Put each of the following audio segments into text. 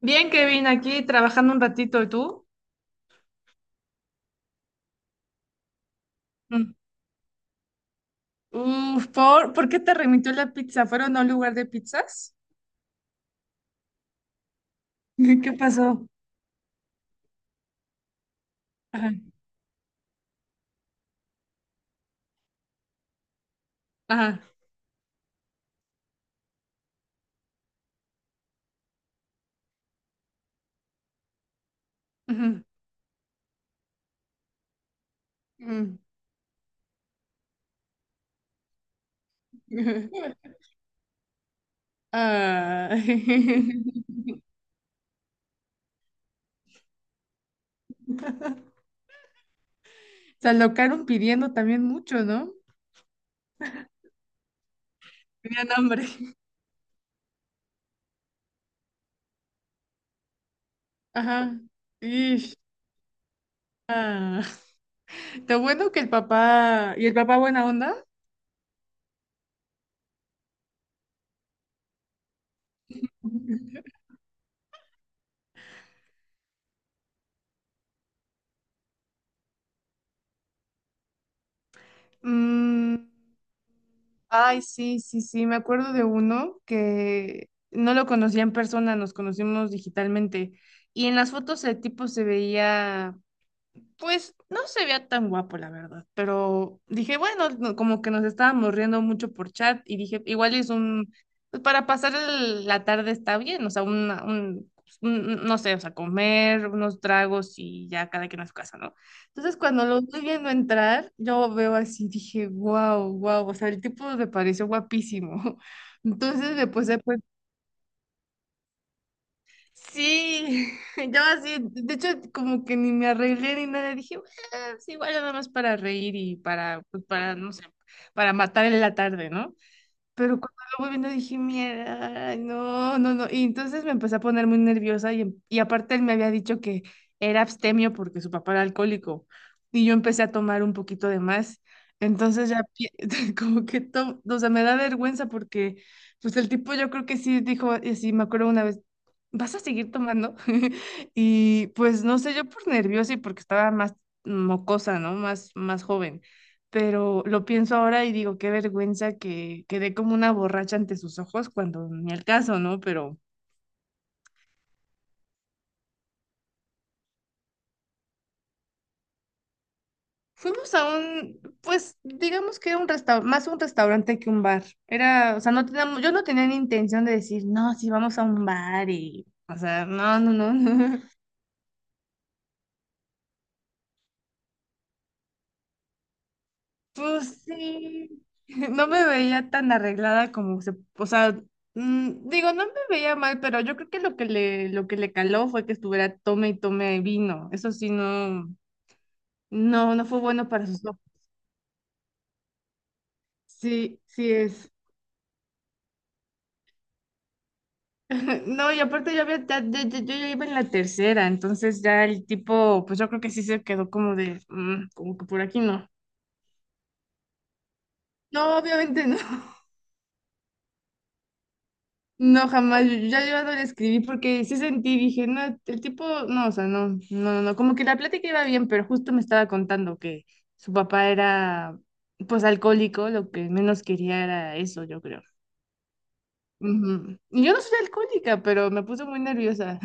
Bien, Kevin, aquí trabajando un ratito, ¿y tú? Mm. Uf, ¿por qué te remitió la pizza? ¿Fueron a un lugar de pizzas? ¿Qué pasó? Ajá, ajá. Ujú, mm. Ah, se alocaron pidiendo también mucho, ¿no? Tenían hambre. Ajá. Ish, ah. Lo bueno que el papá... ¿Y el papá buena onda? Mm, ay, sí, sí, sí, me acuerdo de uno que no lo conocía en persona, nos conocimos digitalmente y en las fotos el tipo se veía, pues no se veía tan guapo, la verdad, pero dije, bueno, como que nos estábamos riendo mucho por chat y dije, igual es un, pues para pasar la tarde está bien, o sea, un, pues, no sé, o sea, comer unos tragos y ya cada quien a su casa, ¿no? Entonces cuando lo estoy viendo entrar, yo veo así, dije, wow, wow, o sea, el tipo me pareció guapísimo. Entonces me puse a sí, yo así, de hecho, como que ni me arreglé ni nada, dije, "Bueno, sí, igual nada más para reír y para, pues, para, no sé, para matar en la tarde, ¿no? Pero cuando lo voy viendo dije, mierda, ay, no, no, no". Y entonces me empecé a poner muy nerviosa y, y aparte él me había dicho que era abstemio porque su papá era alcohólico y yo empecé a tomar un poquito de más. Entonces ya como que o sea, me da vergüenza porque, pues el tipo yo creo que sí dijo, y sí, me acuerdo una vez, ¿vas a seguir tomando? Y pues no sé, yo por nerviosa y porque estaba más mocosa, ¿no? Más joven, pero lo pienso ahora y digo, qué vergüenza que quedé como una borracha ante sus ojos cuando ni al caso, ¿no? Pero fuimos a un, pues digamos que era un restaurante, más un restaurante que un bar. Era, o sea, no teníamos, yo no tenía ni intención de decir, no, sí, vamos a un bar y, o sea, no, no, no, no. Pues sí, no me veía tan arreglada como se, o sea, digo, no me veía mal, pero yo creo que lo que le caló fue que estuviera tome y tome vino. Eso sí, no, no, no fue bueno para sus ojos. Sí, sí es. No, y aparte yo había, yo ya iba en la tercera, entonces ya el tipo, pues yo creo que sí se quedó como de, "Mm, como que por aquí no". No, obviamente no. No, jamás. Yo ya yo no le escribí porque sí sentí, dije, no, el tipo, no, o sea, no, no, no, no, como que la plática iba bien, pero justo me estaba contando que su papá era, pues, alcohólico, lo que menos quería era eso, yo creo. Ujú. Y yo no soy alcohólica, pero me puse muy nerviosa.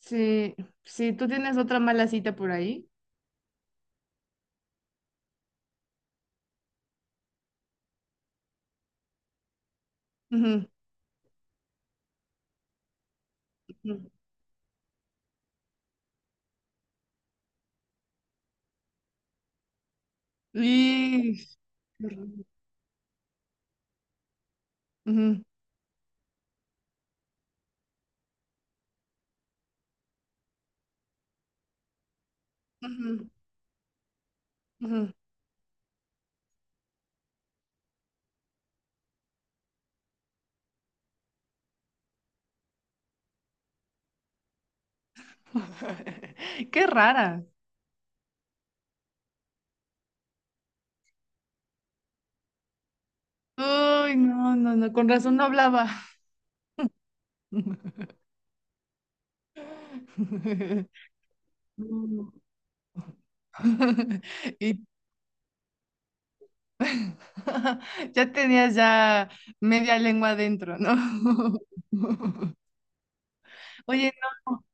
Sí, sí, tú tienes otra mala cita por ahí. Ujú, ujú. Y- qué horrible. Ujú, ujú, ujú. Qué rara. Uy, no, no, no, con razón no hablaba. No. Y ya tenías ya media lengua adentro, ¿no? Oye, no,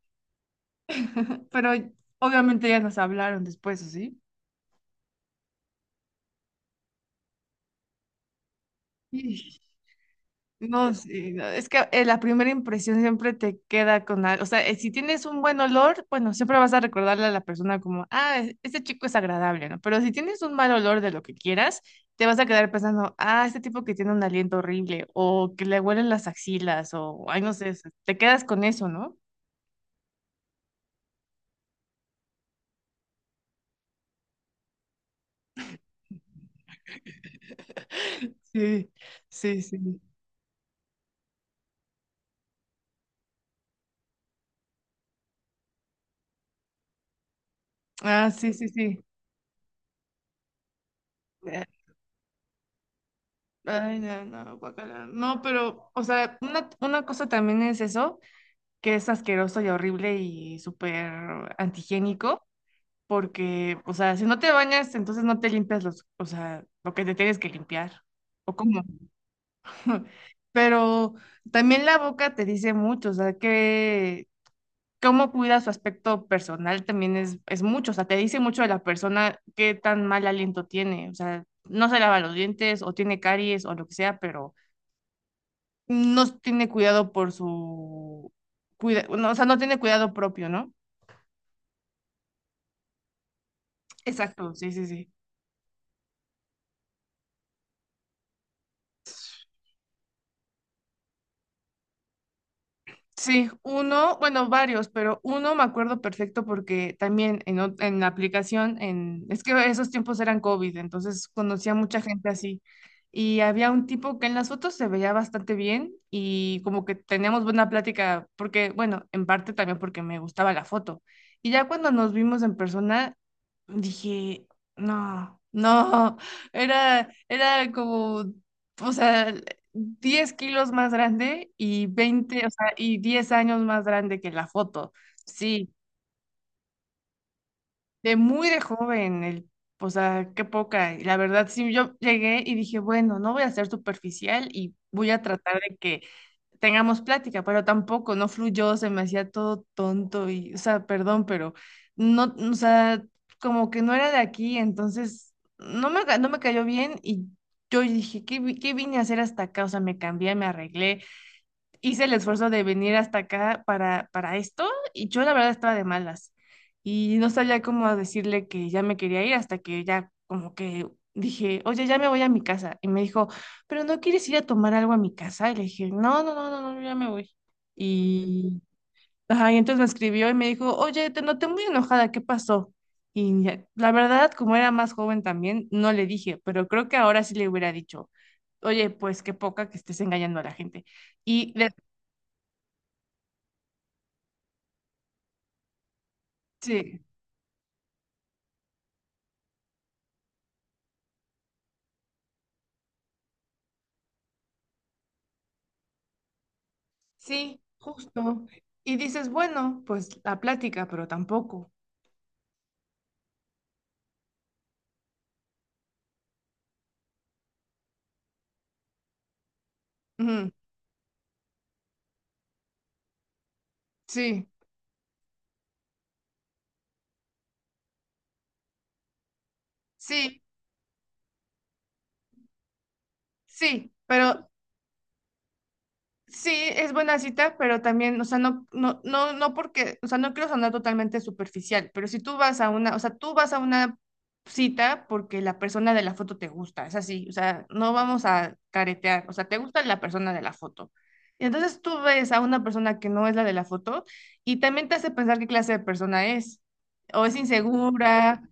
pero obviamente ya nos hablaron después, ¿o sí? No, sí, no, es que la primera impresión siempre te queda con algo, o sea, si tienes un buen olor, bueno, siempre vas a recordarle a la persona como, ah, este chico es agradable, ¿no? Pero si tienes un mal olor de lo que quieras, te vas a quedar pensando, ah, este tipo que tiene un aliento horrible, o que le huelen las axilas, o, ay, no sé, o sea, te quedas con eso, ¿no? Sí, sí, sí. Ah, sí, sí, sí. Eh, ay, no, no, guácala. No, pero, o sea, una cosa también es eso, que es asqueroso y horrible y súper antihigiénico, porque, o sea, si no te bañas, entonces no te limpias los, o sea, lo que te tienes que limpiar, o cómo. Pero también la boca te dice mucho, o sea, que cómo cuida su aspecto personal también es mucho, o sea, te dice mucho de la persona qué tan mal aliento tiene, o sea, no se lava los dientes o tiene caries o lo que sea, pero no tiene cuidado por su, cuida, no, o sea, no tiene cuidado propio, ¿no? Exacto, sí, sí, sí. Sí, uno, bueno, varios, pero uno me acuerdo perfecto porque también en, en la aplicación, en, es que esos tiempos eran COVID, entonces conocía mucha gente así. Y había un tipo que en las fotos se veía bastante bien y como que teníamos buena plática, porque, bueno, en parte también porque me gustaba la foto. Y ya cuando nos vimos en persona, dije, no, no, era, era como, o sea, 10 kilos más grande y 20, o sea, y 10 años más grande que la foto. Sí, de muy de joven, el, o sea, qué poca. Y la verdad, sí, yo llegué y dije, bueno, no voy a ser superficial y voy a tratar de que tengamos plática, pero tampoco, no fluyó, se me hacía todo tonto y, o sea, perdón, pero no, o sea, como que no era de aquí, entonces no me, no me cayó bien y yo dije, ¿qué, qué vine a hacer hasta acá? O sea, me cambié, me arreglé, hice el esfuerzo de venir hasta acá para esto, y yo la verdad estaba de malas y no sabía cómo decirle que ya me quería ir hasta que ya como que dije, oye, ya me voy a mi casa. Y me dijo, pero ¿no quieres ir a tomar algo a mi casa? Y le dije, no, no, no, no, no, yo ya me voy. Y, ajá, y entonces me escribió y me dijo, oye, te noté muy enojada, ¿qué pasó? Y la verdad, como era más joven también, no le dije, pero creo que ahora sí le hubiera dicho, oye, pues qué poca que estés engañando a la gente. Y sí, sí, justo. Y dices, bueno, pues la plática, pero tampoco. Ujú, sí, sí, sí, pero sí, es buena cita, pero también, o sea, no, no, no, no porque, o sea, no quiero sonar totalmente superficial, pero si tú vas a una, o sea, tú vas a una cita porque la persona de la foto te gusta, es así, o sea, no vamos a caretear, o sea, te gusta la persona de la foto. Y entonces tú ves a una persona que no es la de la foto y también te hace pensar qué clase de persona es, o es insegura,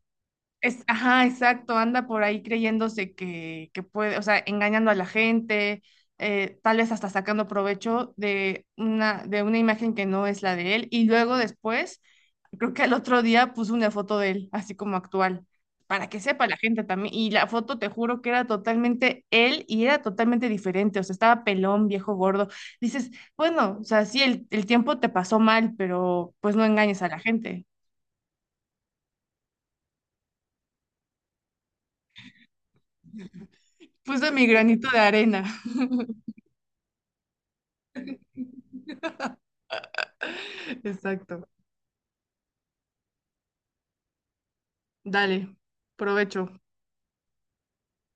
es, ajá, exacto, anda por ahí creyéndose que puede, o sea, engañando a la gente, tal vez hasta sacando provecho de una imagen que no es la de él. Y luego después, creo que al otro día puso una foto de él, así como actual, para que sepa la gente también. Y la foto, te juro que era totalmente él y era totalmente diferente, o sea, estaba pelón, viejo, gordo. Dices, bueno, o sea, sí, el tiempo te pasó mal, pero pues no engañes a la gente. Puse mi granito de arena. Exacto. Dale, provecho.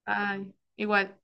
Ay, igual.